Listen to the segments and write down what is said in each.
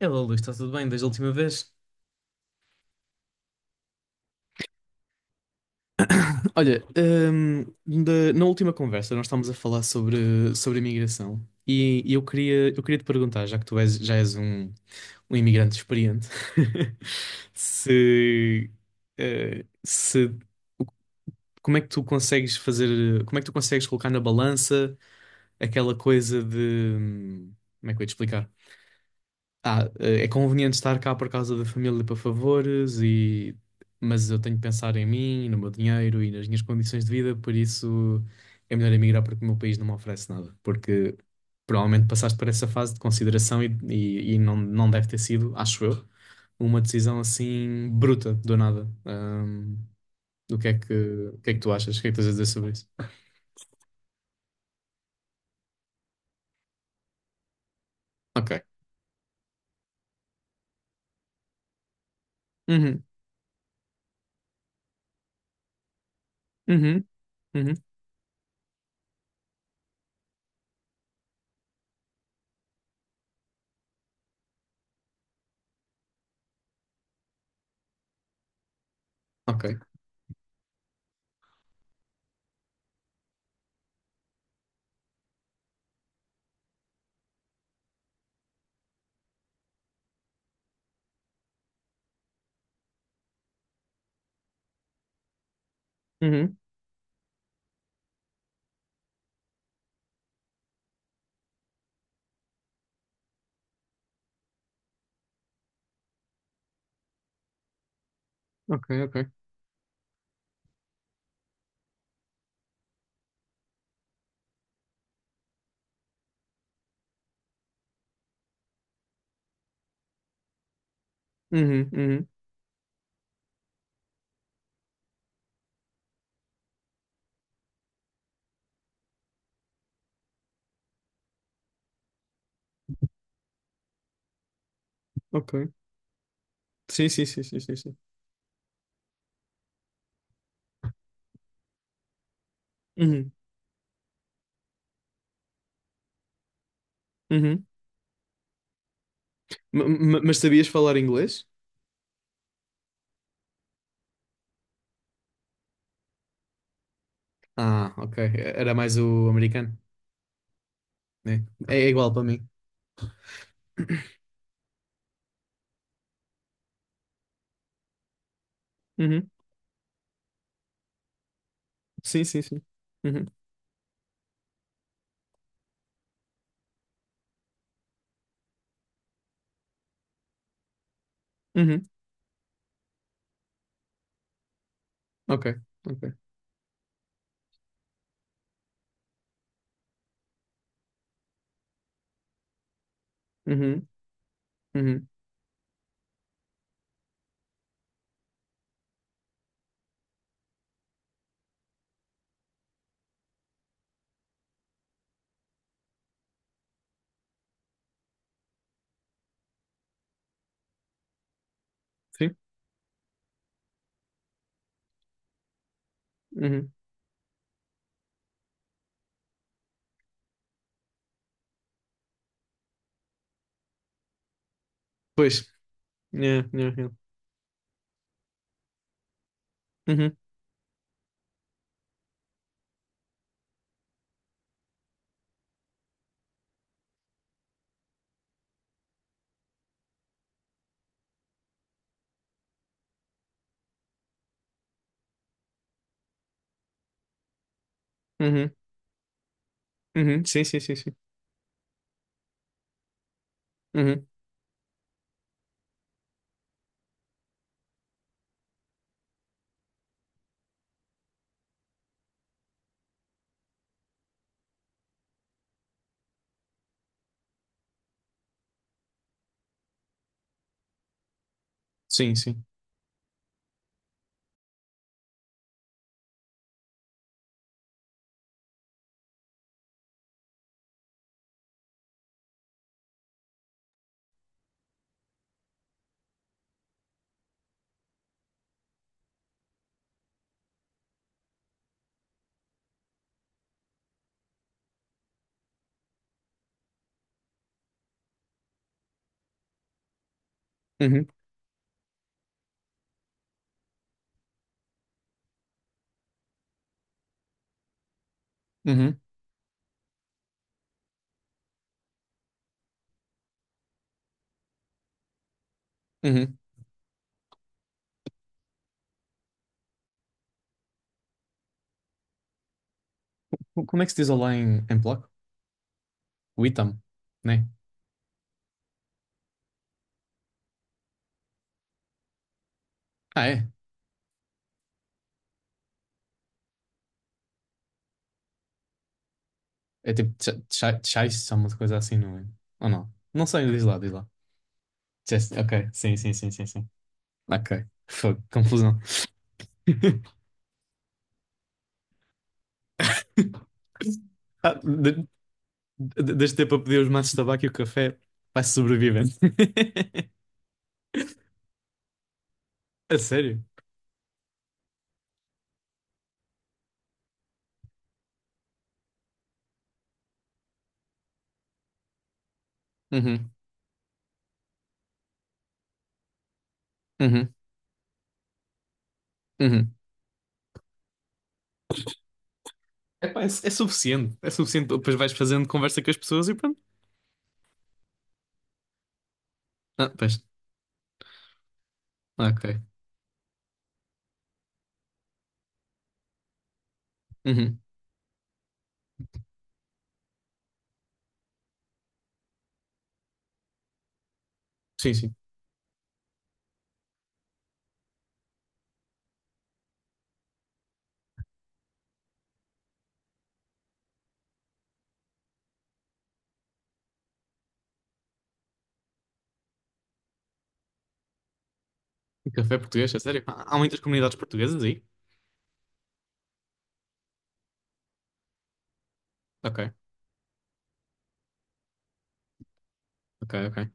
Hello, Luís, está tudo bem desde a última vez? Olha, na última conversa nós estávamos a falar sobre imigração e eu queria te perguntar, já que já és um imigrante experiente, se, eh, se como é que tu consegues fazer, como é que tu consegues colocar na balança aquela coisa de, hum, como é que eu ia te explicar? É conveniente estar cá por causa da família para favores e mas eu tenho que pensar em mim, no meu dinheiro e nas minhas condições de vida, por isso é melhor emigrar porque o meu país não me oferece nada, porque provavelmente passaste por essa fase de consideração e não, não deve ter sido, acho eu, uma decisão assim bruta, do nada. O que é que, o que é que tu achas? O que é que tens a dizer sobre isso? Ok. Uhum, uhum, uhum, ok. Uhum, ok, ok. Uhum, uhum, ok. Sim, sim, sim, sim, sim, sim. Uhum, uhum. Mas sabias falar inglês? Ah, ok. Era mais o americano, né? É é igual para mim. Uhum. Sim, sim, sim. Uhum. Uhum. Ok, ok. Uhum. Uhum. Sim. Uhum. Pois. Yeah, yeah, yeah. Uhum. Uhum. Uhum. Sim, sim, sim, sim. Uhum. Sim, sim. Uhum. Uhum. Uhum. Como é que se diz olá em polaco? Witam, né? Ah, é? É tipo tchau, uma coisa assim, não é? Ou não? Não sei, diz lá, diz lá. Ok, sim, sim, sim, sim, sim. Ok. Fogo, confusão. Ah, deste tempo a pedir os maços de tabaco e o café, vai sobrevivendo. A sério? Uhum, uhum, uhum. Epá, é, é suficiente. É suficiente. Depois vais fazendo conversa com as pessoas e pronto. Ah, pois. Ah, ok. Uhum. Sim, sim. E café português, é sério? Há há muitas comunidades portuguesas aí? Ok, ok, ok.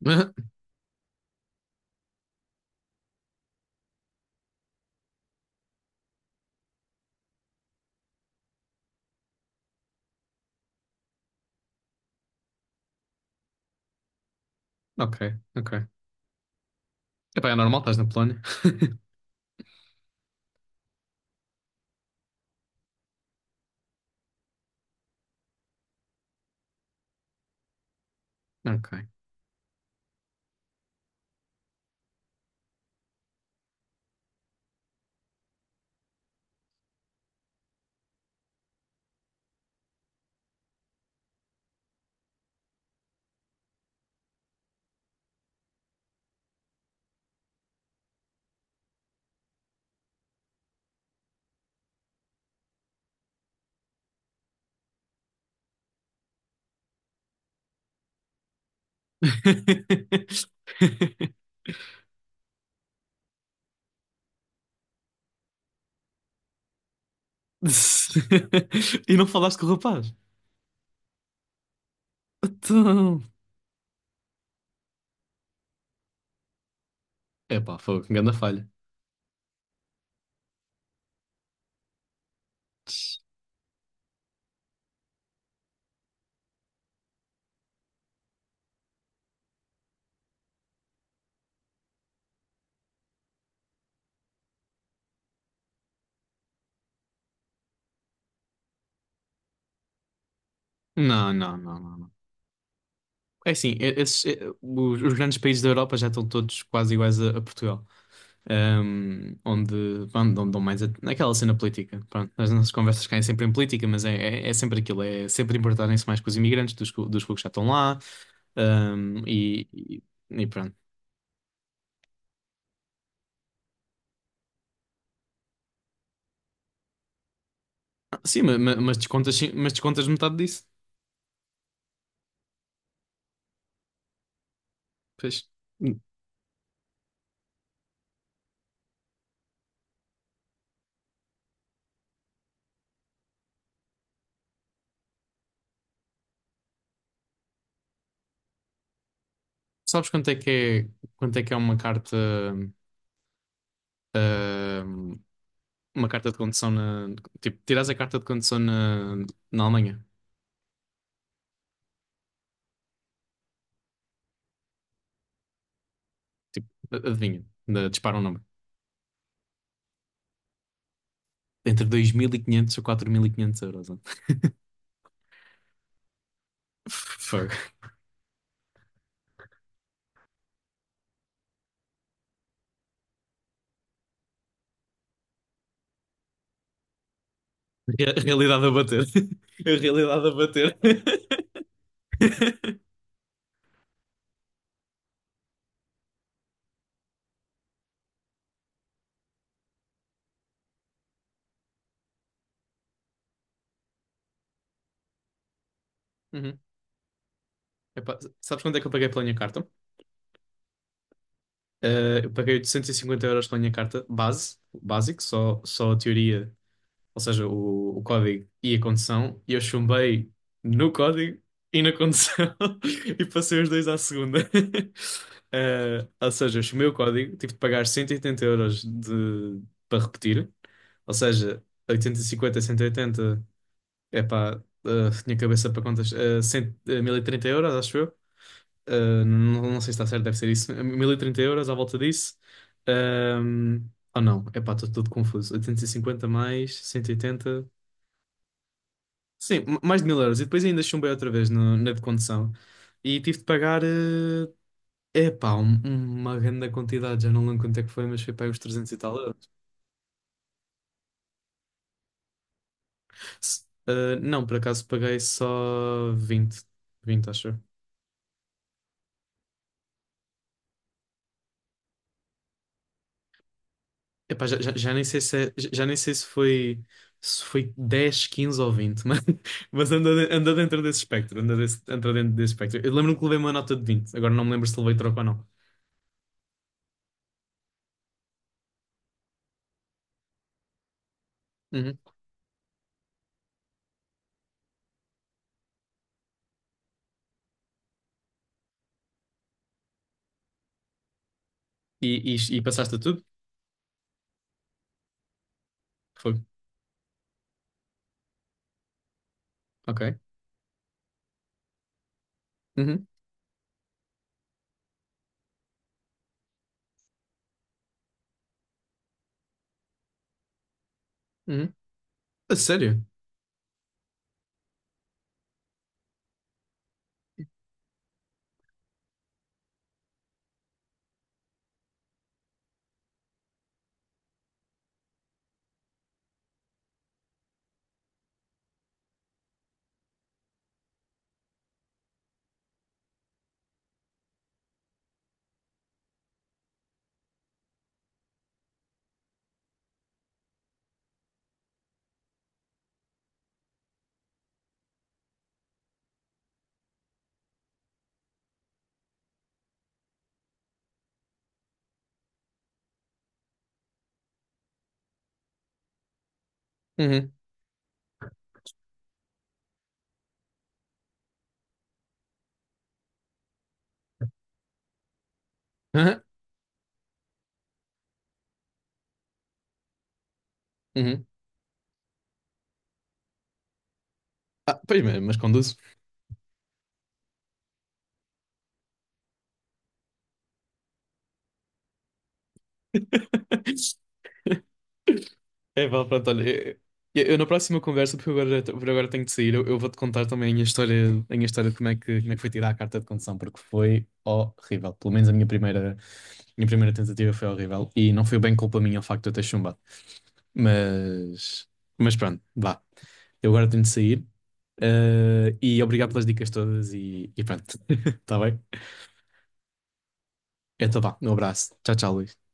Ok, ok. Epá, é normal, estás na Polónia. Ok. E não falaste com o rapaz? Então. Epá, foi que grande falha. Não, não, não, não, não. É assim, os grandes países da Europa já estão todos quase iguais a Portugal. Onde, pronto, dão dão mais naquela cena política. Pronto, as nossas conversas caem sempre em política, mas é, é sempre aquilo, é sempre importarem-se mais com os imigrantes dos que já estão lá. Ahm, e, e- e pronto. Ah, sim, mas, descontas, sim, mas descontas metade disso. Pois. Sabes quanto é que é, quanto é que é ahm, uma carta de condução tipo, tiras a carta de condução na Alemanha? Tipo, adivinha, dispara um número. Entre 2.500 ou 4.500 euros. Ó. Fogo. Realidade a bater. A realidade a bater. Uhum. Epá, sabes quanto é que eu paguei pela minha carta? Eu paguei 850 euros pela minha carta base, básico, só a teoria ou seja, o código e a condução, e eu chumbei no código e na condução e passei os dois à segunda. Ou seja, eu chumei o código, tive de pagar 180 euros de, para repetir, ou seja, 850, 180, é pá, tinha cabeça para contas, 1030 euros, acho eu. Eh, não, não sei se está certo, deve ser isso. 1030 euros à volta disso. Ahm, ou não, é pá, estou todo confuso. 850 mais 180. Sim, mais de 1.000 euros. E depois ainda chumbei outra vez na de condução. E tive de pagar, é epá, uma grande quantidade. Já não lembro quanto é que foi, mas foi para aí uns 300 e tal euros. Não, por acaso paguei só 20 acho eu. Epá, já nem sei se é- já nem sei se foi, se foi 10 15 ou 20 mas, mas anda, anda dentro desse espectro. Anda, anda dentro desse espectro. Eu lembro-me que levei uma nota de 20. Agora não me lembro se levei troco ou não. Uhum. E passaste a tudo? Foi. Ok. Uhum, uhum. A sério? Uhum. Aham. Uhum. Ah, pois, mas conduzo. É, vale, pronto, olha. Eu, eu na próxima conversa, porque agora, por agora tenho de sair, eu vou-te contar também a minha história de como é que foi tirar a carta de condução, porque foi horrível. Pelo menos minha primeira tentativa foi horrível e não foi bem culpa minha o facto de eu ter chumbado. Mas, mas pronto, vá. Eu agora tenho de sair. Eh, e obrigado pelas dicas todas e pronto. Tá bem? Então vá, um abraço. Tchau, tchau, Luís.